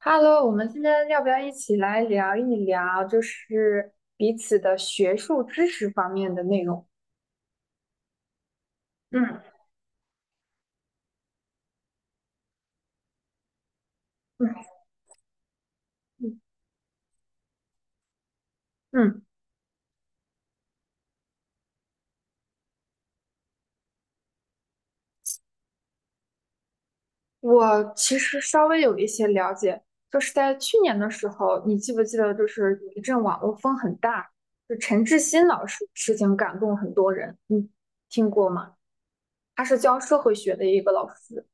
Hello，我们今天要不要一起来聊一聊，就是彼此的学术知识方面的内容？嗯嗯嗯，嗯，我其实稍微有一些了解，就是在去年的时候，你记不记得，就是有一阵网络风很大，就陈志新老师的事情感动很多人，你听过吗？他是教社会学的一个老师。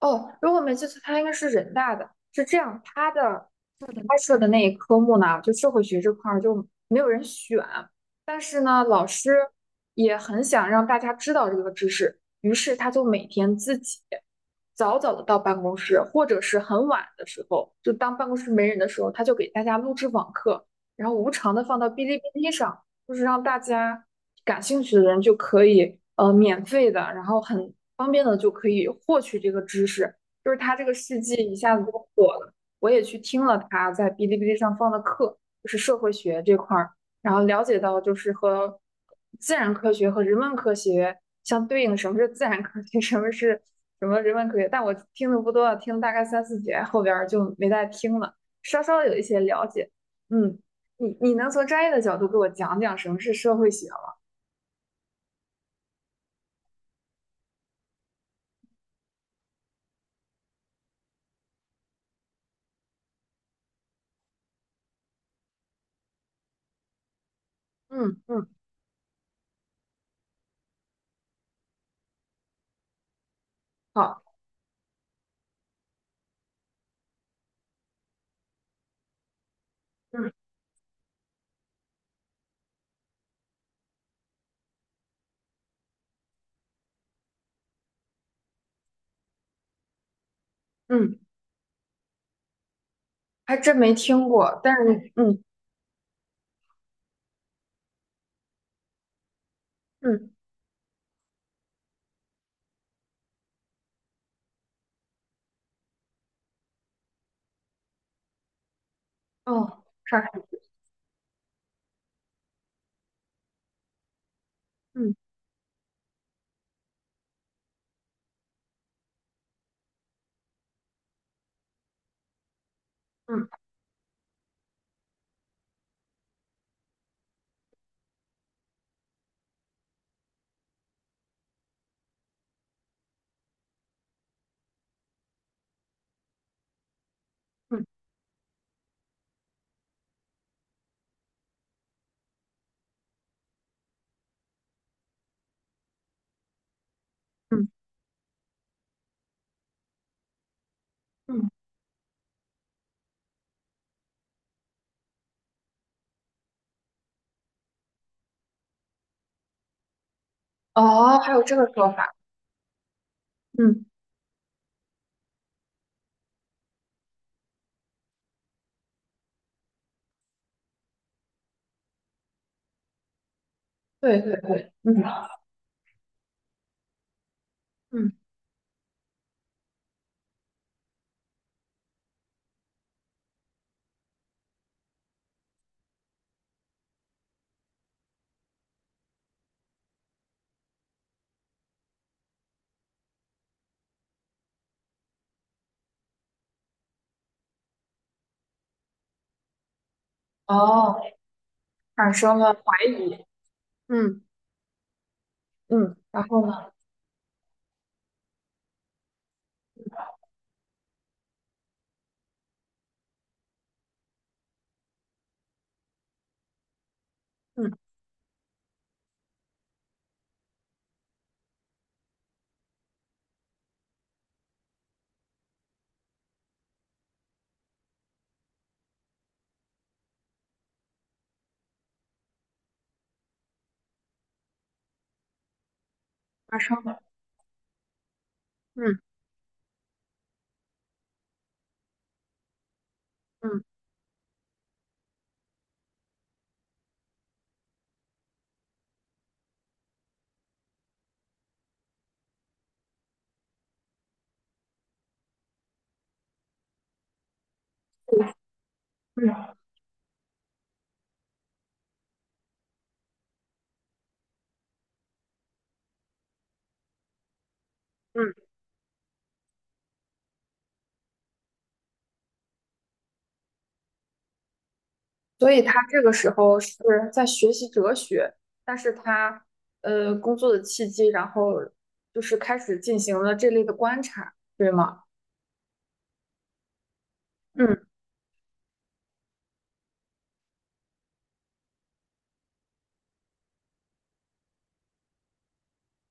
哦，如果没记错，他应该是人大的。是这样，他的开设的那一科目呢，就社会学这块儿就没有人选，但是呢，老师也很想让大家知道这个知识，于是他就每天自己早早的到办公室，或者是很晚的时候，就当办公室没人的时候，他就给大家录制网课，然后无偿的放到哔哩哔哩上，就是让大家感兴趣的人就可以免费的，然后很方便的就可以获取这个知识，就是他这个事迹一下子就火了。我也去听了他在哔哩哔哩上放的课，就是社会学这块儿，然后了解到就是和自然科学和人文科学相对应的什么是自然科学，什么是人文科学。但我听的不多，听了大概三四节，后边就没再听了，稍稍有一些了解。嗯，你能从专业的角度给我讲讲什么是社会学吗？嗯嗯，好，嗯嗯，还真没听过，但是嗯嗯哦，啥？嗯嗯嗯嗯。嗯哦，还有这个说法，嗯对对对，嗯，嗯哦，产生了怀疑，嗯嗯，然后呢，嗯发生了，嗯嗯嗯，嗯，所以他这个时候是在学习哲学，但是他工作的契机，然后就是开始进行了这类的观察，对吗？嗯，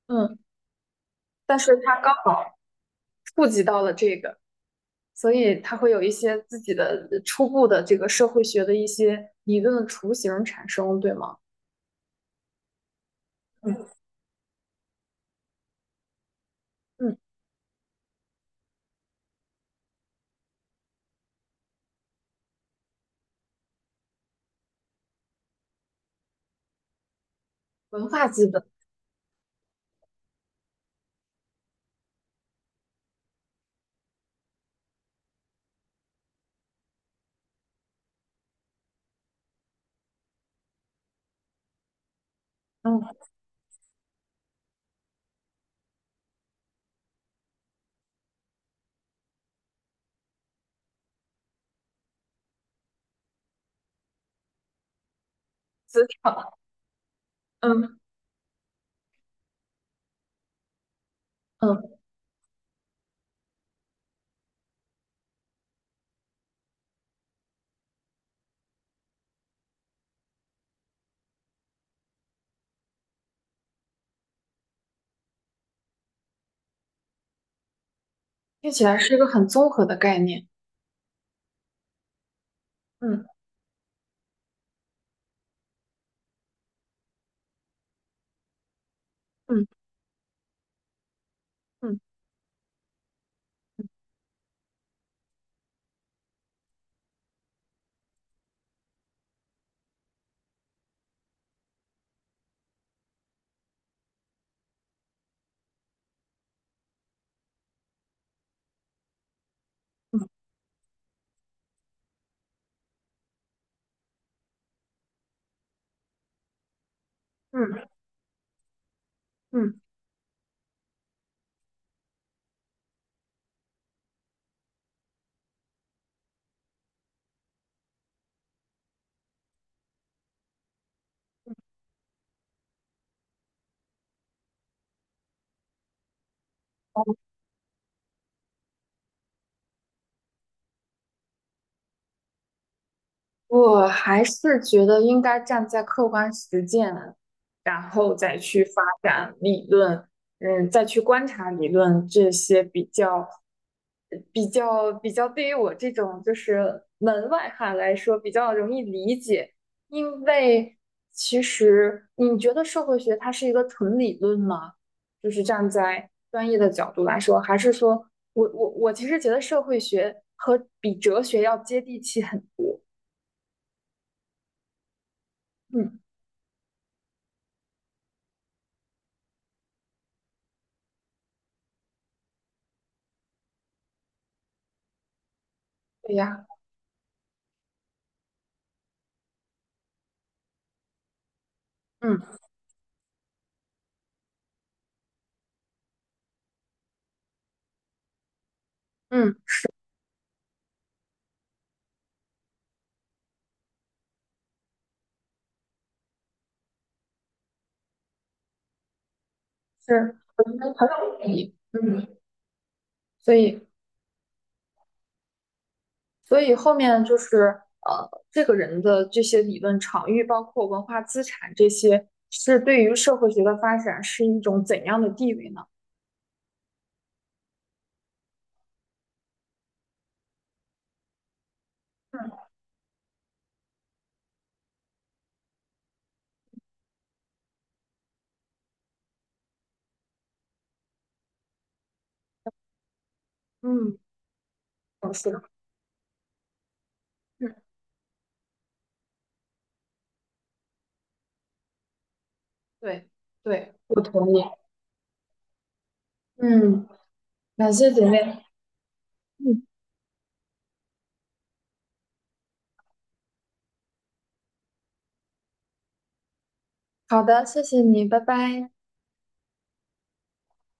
嗯，但是他刚好触及到了这个。所以他会有一些自己的初步的这个社会学的一些理论的雏形产生，对吗？嗯嗯，文化资本，嗯，资产，嗯嗯，听起来是一个很综合的概念。嗯嗯嗯嗯嗯，我还是觉得应该站在客观实践，然后再去发展理论，嗯，再去观察理论这些比较对于我这种就是门外汉来说比较容易理解，因为其实你觉得社会学它是一个纯理论吗？就是站在专业的角度来说，还是说我其实觉得社会学和比哲学要接地气很，嗯对呀，嗯嗯，是，我觉得很有意义，嗯，所以所以后面就是这个人的这些理论场域，包括文化资产这些，是对于社会学的发展是一种怎样的地位呢？嗯嗯，嗯是的，嗯，对对，我同意。嗯，感谢姐妹。嗯，好的，谢谢你，拜拜。